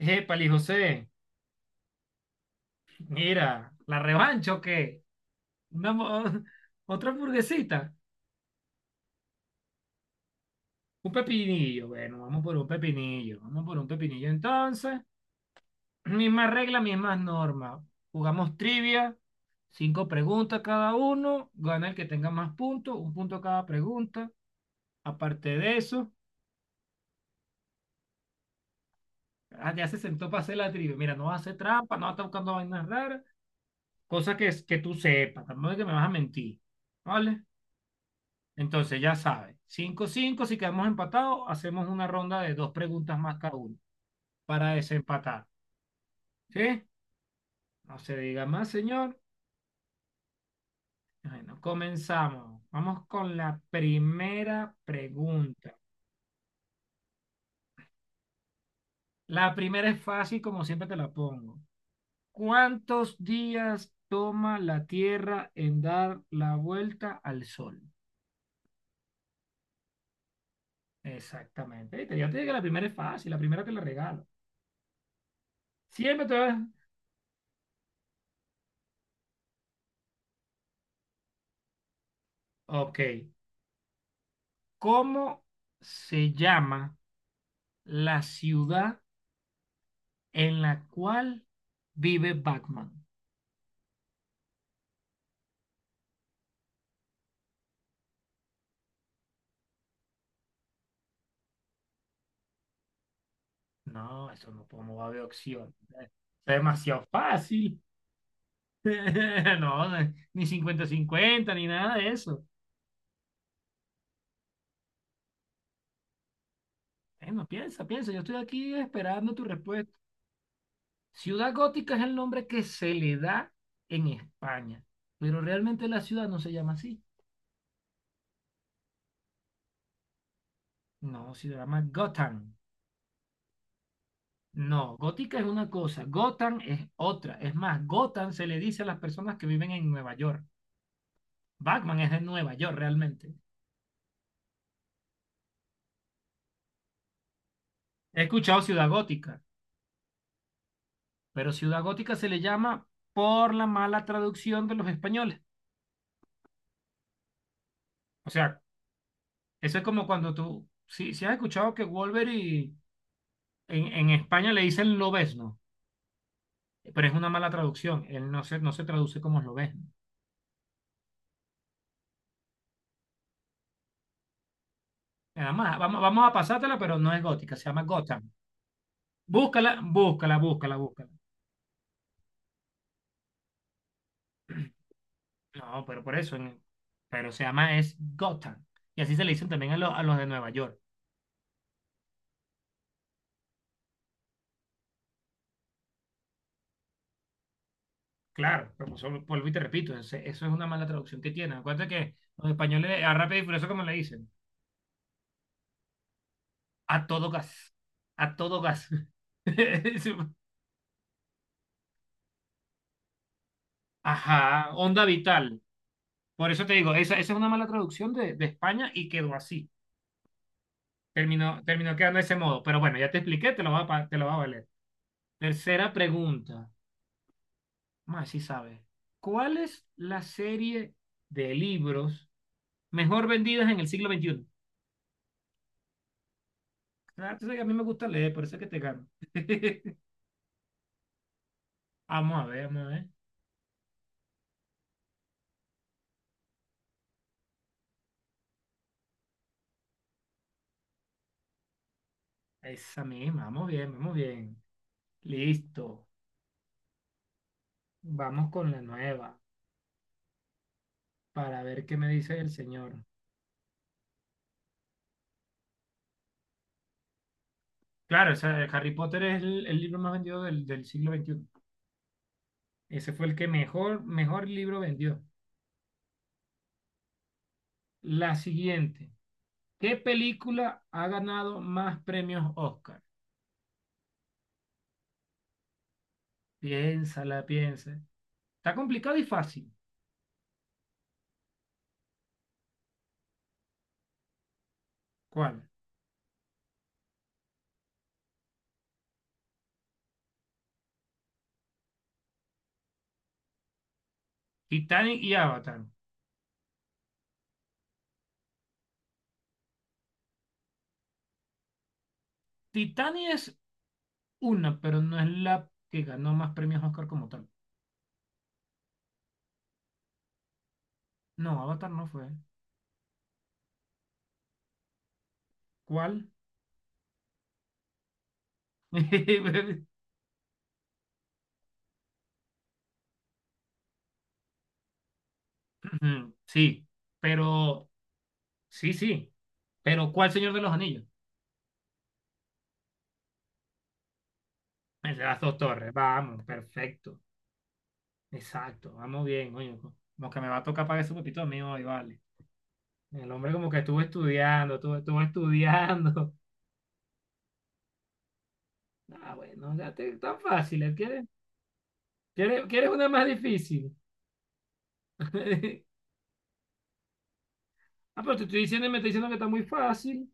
Épale, José, mira, ¿la revancha o qué? Una mo- otra hamburguesita, un pepinillo, bueno, vamos por un pepinillo, vamos por un pepinillo entonces. Misma regla, mismas normas. Jugamos trivia, cinco preguntas cada uno, gana el que tenga más puntos, un punto cada pregunta. Aparte de eso, ah, ya se sentó para hacer la trivia. Mira, no vas a hacer trampa, no vas a estar buscando vainas raras, cosas que tú sepas, tampoco es que me vas a mentir, ¿vale? Entonces, ya sabe, cinco cinco si quedamos empatados, hacemos una ronda de dos preguntas más cada uno para desempatar. ¿Sí? No se diga más, señor. Bueno, comenzamos. Vamos con la primera pregunta. La primera es fácil, como siempre te la pongo. ¿Cuántos días toma la Tierra en dar la vuelta al Sol? Exactamente. Viste, ya te dije que la primera es fácil, la primera te la regalo. Siempre te voy a- Ok. ¿Cómo se llama la ciudad en la cual vive Batman? No, eso no, pues, no va a haber opción. Es demasiado fácil. No, ni cincuenta cincuenta ni nada de eso. Bueno, piensa, piensa. Yo estoy aquí esperando tu respuesta. Ciudad gótica es el nombre que se le da en España, pero realmente la ciudad no se llama así. No, se llama Gotham. No, gótica es una cosa, Gotham es otra. Es más, Gotham se le dice a las personas que viven en Nueva York. Batman es de Nueva York realmente. He escuchado Ciudad Gótica, pero Ciudad Gótica se le llama por la mala traducción de los españoles. O sea, eso es como cuando tú, si has escuchado que Wolverine en España le dicen lobesno, pero es una mala traducción, él no se traduce como lobesno. Nada más, vamos, vamos a pasártela, pero no es gótica, se llama Gotham. Búscala, búscala, búscala, búscala. No, pero por eso, pero se llama es Gotham. Y así se le dicen también a, a los de Nueva York. Claro, pero eso vuelvo y te repito, eso es una mala traducción que tiene. Acuérdate que los españoles a rápido y furioso, como le dicen, a todo gas, a todo gas. Ajá, onda vital. Por eso te digo, esa es una mala traducción de España y quedó así. Terminó, terminó quedando de ese modo. Pero bueno, ya te expliqué, te lo va a valer. Tercera pregunta. Más si sabes. ¿Cuál es la serie de libros mejor vendidas en el siglo XXI? Ah, tú sabes que a mí me gusta leer, por eso es que te gano. Vamos a ver, vamos a ver. Esa misma, vamos bien, vamos bien. Listo. Vamos con la nueva para ver qué me dice el señor. Claro, o sea, Harry Potter es el libro más vendido del siglo XXI. Ese fue el que mejor, mejor libro vendió. La siguiente. ¿Qué película ha ganado más premios Oscar? Piénsala, piensa. Está complicado y fácil. ¿Cuál? Titanic y Avatar. Titanic es una, pero no es la que ganó más premios Oscar como tal. No, Avatar no fue. ¿Cuál? Sí, pero sí, sí. Pero ¿cuál Señor de los Anillos? El de las dos torres. Vamos, perfecto. Exacto, vamos bien, coño. Como que me va a tocar pagar ese pepito mío hoy, vale. El hombre como que estuvo estudiando, estuvo, estuvo estudiando. Ah, bueno, ya te, tan fácil. ¿Eh? ¿Quieres una más difícil? Ah, pero te estoy diciendo y me está diciendo que está muy fácil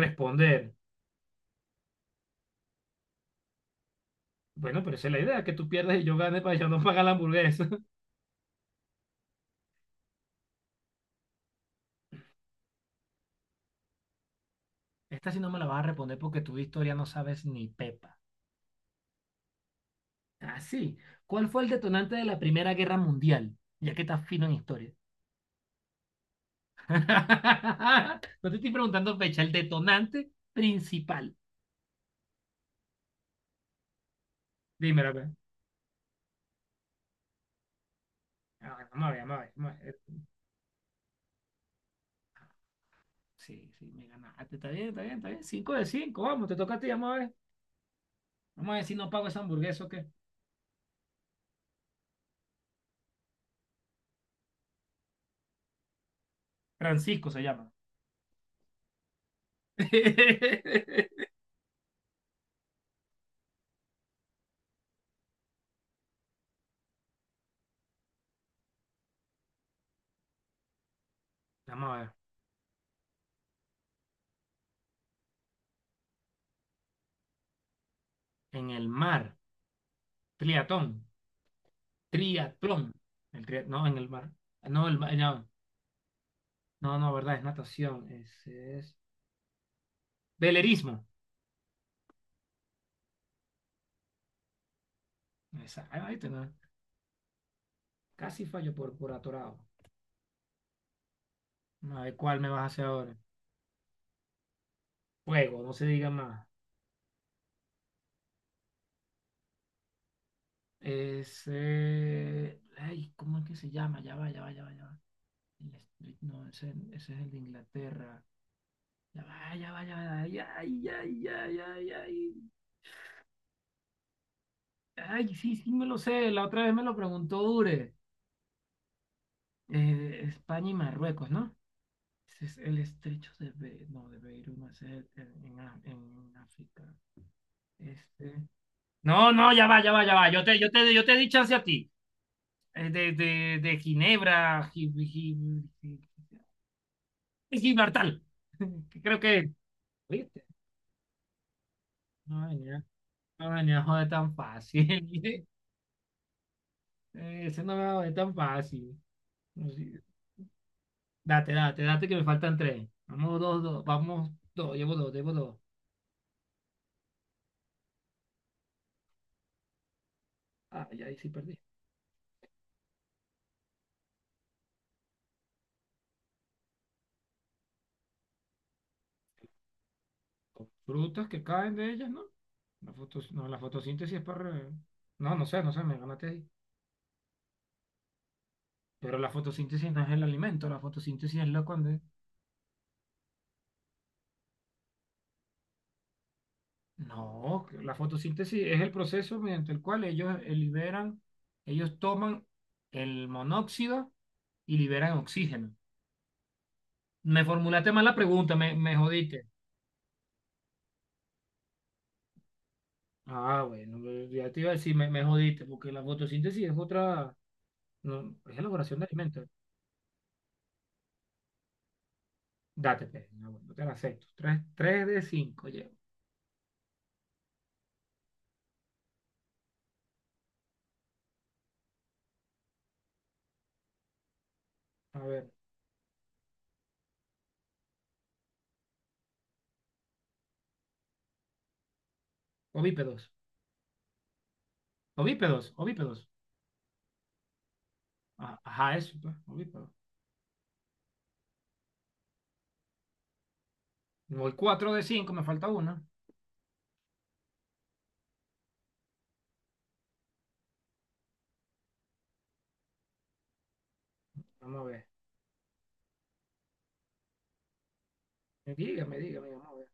responder. Bueno, pero esa es la idea, que tú pierdas y yo gane para yo no pagar la hamburguesa. Esta sí no me la vas a responder porque tu historia no sabes ni pepa. Ah, sí. ¿Cuál fue el detonante de la Primera Guerra Mundial? Ya que estás fino en historia. No te estoy preguntando fecha, el detonante principal. Dímelo, pues. A ver, vamos a ver, vamos a ver. Vamos a ver. Sí, sí, me ganaste. Está bien, está bien, está bien. Cinco de cinco, vamos, te toca a ti, vamos a ver. Vamos a ver si no pago esa hamburguesa o qué. Francisco se llama. Vamos a ver. En el mar. Triatón. Triatlón. No, en el mar. No, el mar. No. No, no, verdad, es natación, es velerismo. Ahí te va. Casi fallo por atorado. A ver cuál me vas a hacer ahora. Juego, no se diga más. Es, ay, ¿cómo es que se llama? Ya va, ya va, ya va, ya va. No, ese es el de Inglaterra. Ya va, ya va, ya va. Ay, ay, ay, ay, ay, ay. Ay, sí, sí me lo sé. La otra vez me lo preguntó Ure. España y Marruecos, ¿no? Ese es el estrecho de Be no, de Beirut, no, ese es en África. Este, no, no, ya va, ya va, ya va. Yo te di chance a ti. De Ginebra, Gi- Gibraltar. Que creo que. ¿Viste? No venía, no venía a joder tan fácil. Ese no me va a joder tan fácil. No, sí. Date, date, date que me faltan tres. Vamos dos, dos. Vamos dos. Llevo dos, llevo dos. Ah, ya ahí sí perdí. Con frutas que caen de ellas, ¿no? La fotos, no, la fotosíntesis es para No, no sé, no sé, me ganaste ahí. Pero la fotosíntesis no es el alimento, la fotosíntesis es la cuando... No, que la fotosíntesis es el proceso mediante el cual ellos liberan, ellos toman el monóxido y liberan oxígeno. Me formulaste mal la pregunta, me jodiste. Ah, bueno, ya te iba a decir, me jodiste, porque la fotosíntesis es otra, no, es elaboración de alimentos. Date, pues, no, bueno, no te la acepto. Tres, tres de cinco, a ver, ovípedos. Ovípedos, ovípedos. Ah, ajá, eso, pues, ovípedos. Voy cuatro de cinco, me falta una. Vamos a ver. Dígame, dígame, vamos a ver.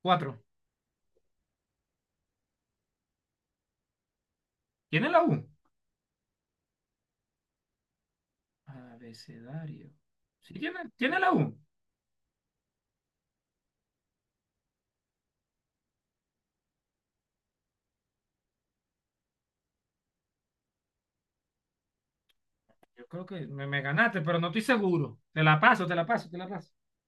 Cuatro. ¿Tiene la U? Abecedario. Sí, tiene, tiene la U. Yo creo que me ganaste, pero no estoy seguro. Te la paso, te la paso, te la paso.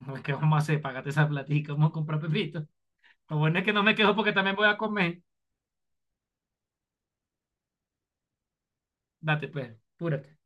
No, ¿qué vamos a hacer? Págate esa platica, vamos a comprar pepito. Lo bueno es que no me quejo porque también voy a comer. Date, pues, apúrate.